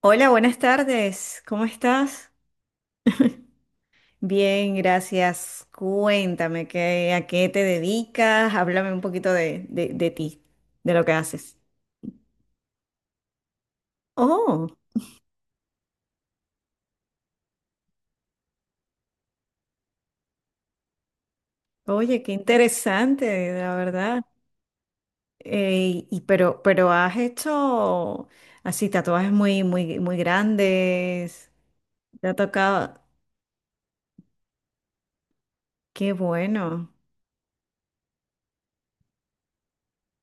Hola, buenas tardes. ¿Cómo estás? Bien, gracias. Cuéntame qué, a qué te dedicas. Háblame un poquito de ti, de lo que haces. Oh, oye, qué interesante, la verdad. Y pero has hecho así tatuajes muy, muy, muy grandes. Te ha tocado. Qué bueno.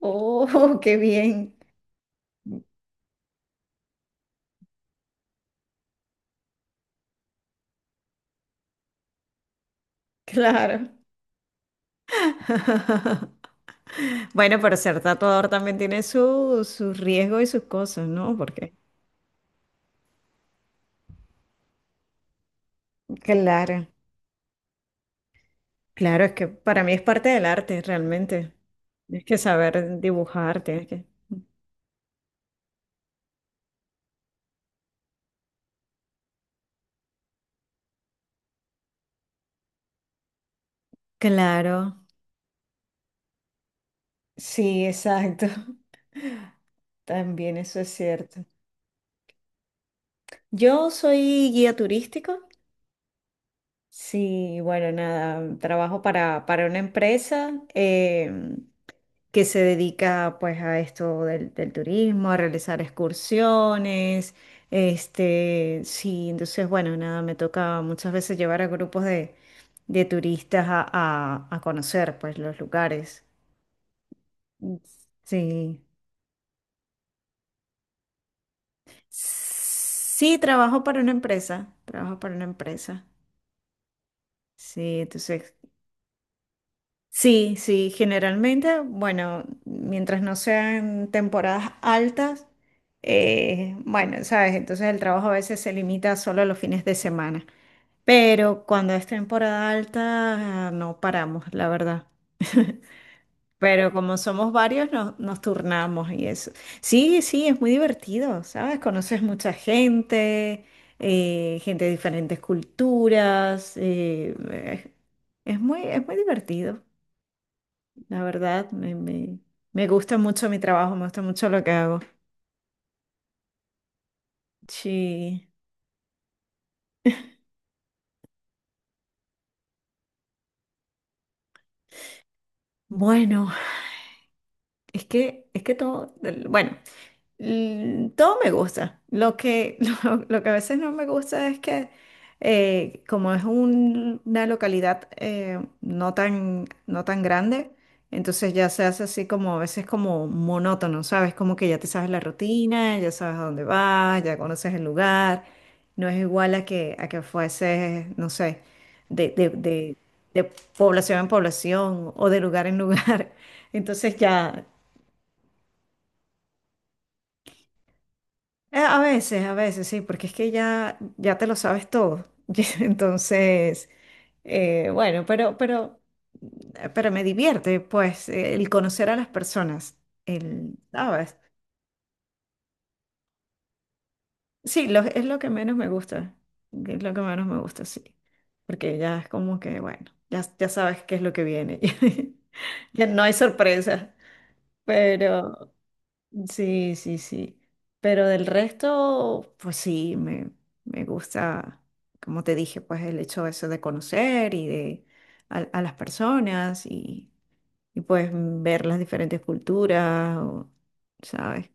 Oh, qué bien. Claro. Bueno, pero ser tatuador también tiene su, su riesgo y sus cosas, ¿no? Porque, claro, claro, es que para mí es parte del arte, realmente. Tienes que saber dibujar, tienes que... Claro, sí, exacto. También eso es cierto. Yo soy guía turístico. Sí, bueno, nada, trabajo para una empresa. Que se dedica pues a esto del turismo, a realizar excursiones, este, sí, entonces bueno, nada, me toca muchas veces llevar a grupos de turistas a, a conocer pues los lugares. Sí. Sí, trabajo para una empresa, trabajo para una empresa. Sí, entonces sí, sí, generalmente, bueno, mientras no sean temporadas altas, bueno, sabes, entonces el trabajo a veces se limita solo a los fines de semana, pero cuando es temporada alta no paramos, la verdad. Pero como somos varios, nos turnamos y eso. Sí, sí, es muy divertido, ¿sabes? Conoces mucha gente, gente de diferentes culturas, es es muy divertido. La verdad, me gusta mucho mi trabajo, me gusta mucho lo que hago. Sí. Bueno, es que todo, bueno. Todo me gusta. Lo que, lo que a veces no me gusta es que como es una localidad, no tan, no tan grande, entonces ya se hace así como a veces como monótono, ¿sabes? Como que ya te sabes la rutina, ya sabes a dónde vas, ya conoces el lugar. No es igual a que fuese, no sé, de, de, de de población en población o de lugar en lugar. Entonces ya. A veces, a veces, sí, porque es que ya, ya te lo sabes todo. Y entonces, bueno, pero me divierte, pues, el conocer a las personas. El, ¿sabes? Sí, es lo que menos me gusta. Es lo que menos me gusta, sí. Porque ya es como que, bueno, ya, ya sabes qué es lo que viene. Ya no hay sorpresa. Pero. Sí, sí, sí. Pero del resto, pues sí, me gusta, como te dije, pues el hecho eso de conocer y de a las personas y pues ver las diferentes culturas, o, ¿sabes?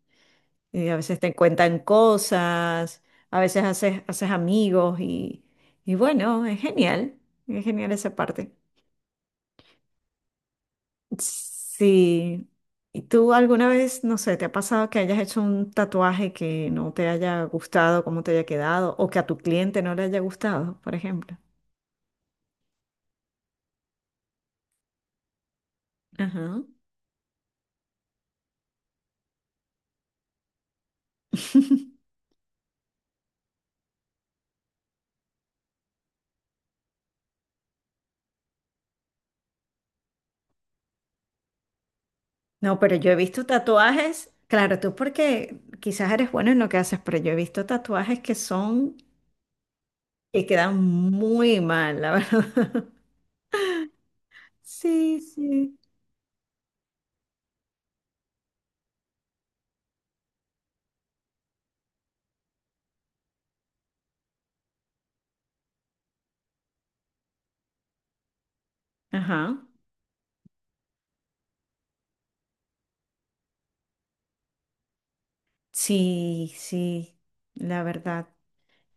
Y a veces te cuentan cosas, a veces haces, haces amigos y bueno, es genial esa parte. Sí. ¿Y tú alguna vez, no sé, te ha pasado que hayas hecho un tatuaje que no te haya gustado, cómo te haya quedado, o que a tu cliente no le haya gustado, por ejemplo? Ajá. No, pero yo he visto tatuajes, claro, tú porque quizás eres bueno en lo que haces, pero yo he visto tatuajes que son, que quedan muy mal, la verdad. Sí, sí. Ajá. Sí, sí, la verdad.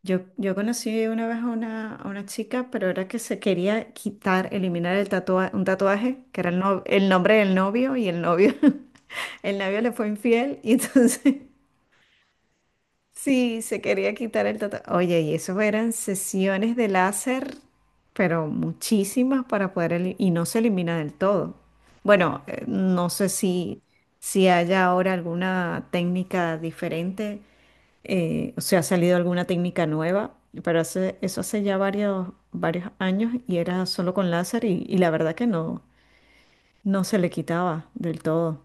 Yo conocí una vez a una chica, pero era que se quería quitar, eliminar el un tatuaje, que era el, el nombre del novio, y el novio, el novio le fue infiel, y entonces sí, se quería quitar el tatuaje. Oye, y eso eran sesiones de láser, pero muchísimas para poder, y no se elimina del todo. Bueno, no sé si, si haya ahora alguna técnica diferente, o sea, ha salido alguna técnica nueva, pero hace, eso hace ya varios, varios años y era solo con láser y la verdad que no, no se le quitaba del todo.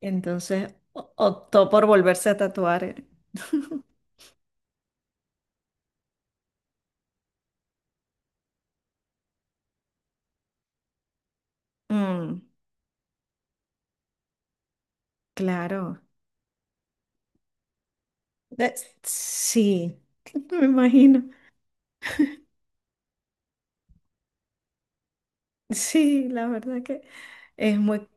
Entonces optó por volverse a tatuar. Mm, claro. De- sí, me imagino. Sí, la verdad que es muy...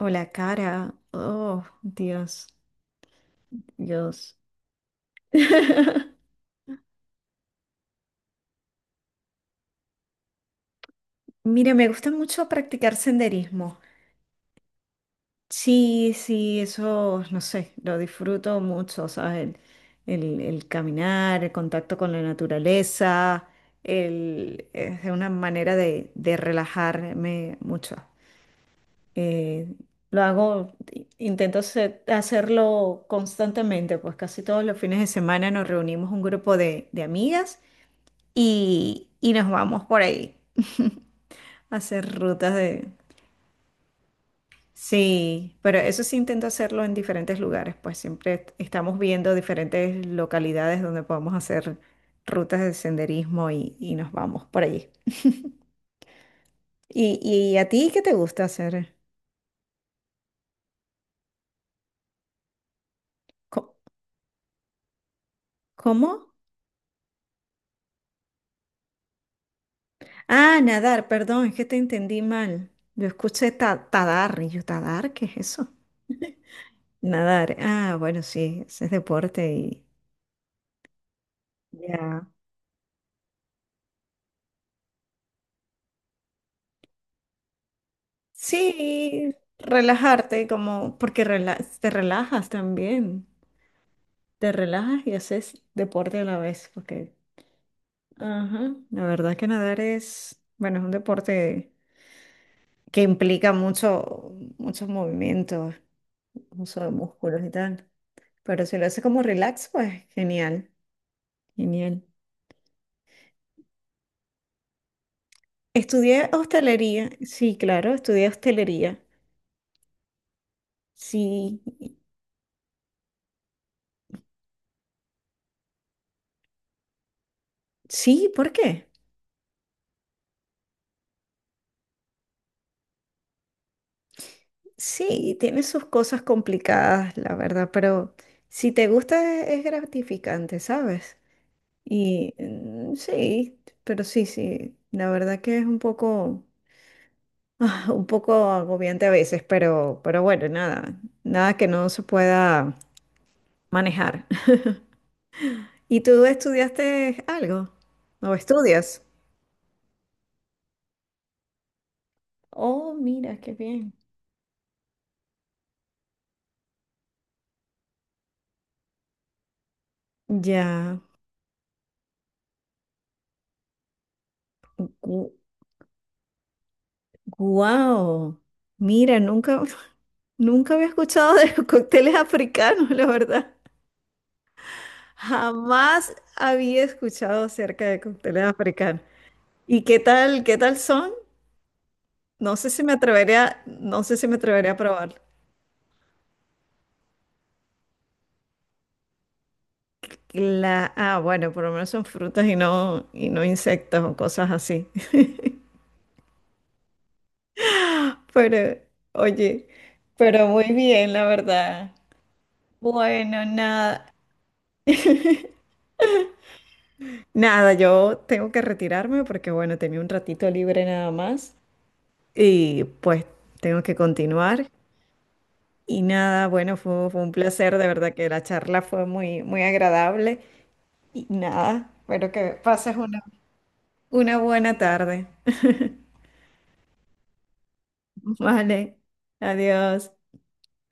O la cara. Oh, Dios, Dios. Mira, me gusta mucho practicar senderismo. Sí, sí, eso, no sé, lo disfruto mucho, ¿sabes? El caminar, el contacto con la naturaleza, el, es una manera de relajarme mucho. Eh, lo hago, intento hacerlo constantemente, pues casi todos los fines de semana nos reunimos un grupo de amigas y nos vamos por ahí a hacer rutas. Sí, pero eso sí intento hacerlo en diferentes lugares, pues siempre estamos viendo diferentes localidades donde podemos hacer rutas de senderismo y nos vamos por allí. Y a ti qué te gusta hacer? Co- ¿Cómo? Ah, nadar, perdón, es que te entendí mal. Yo escuché tadar y yo, ¿tadar? ¿Qué es eso? Nadar. Ah, bueno, sí, ese es deporte y ya. Sí, relajarte como porque te relajas también. Te relajas y haces deporte a la vez, porque, ajá, la verdad que nadar es, bueno, es un deporte que implica mucho, muchos movimientos, uso de músculos y tal. Pero si lo haces como relax, pues genial, genial. Estudié hostelería, sí, claro, estudié hostelería. Sí, sí, ¿por qué? Sí, tiene sus cosas complicadas, la verdad, pero si te gusta es gratificante, ¿sabes? Y mm, sí, pero sí, sí, la verdad que es un poco, ah, un poco agobiante a veces, pero bueno, nada, nada que no se pueda manejar. ¿Y tú estudiaste algo? ¿O estudias? Oh, mira, qué bien. Ya, wow. Mira, nunca, nunca había escuchado de los cócteles africanos, la verdad. Jamás había escuchado acerca de cócteles africanos. ¿Y qué tal son? No sé si me atrevería, no sé si me atrevería a probar. La, ah, bueno, por lo menos son frutas y no insectos o cosas así. Pero, oye, pero muy bien, la verdad. Bueno, nada. Nada, yo tengo que retirarme porque, bueno, tenía un ratito libre nada más y pues tengo que continuar. Y nada, bueno, fue, fue un placer, de verdad que la charla fue muy, muy agradable. Y nada, espero que pases una buena tarde. Vale, adiós.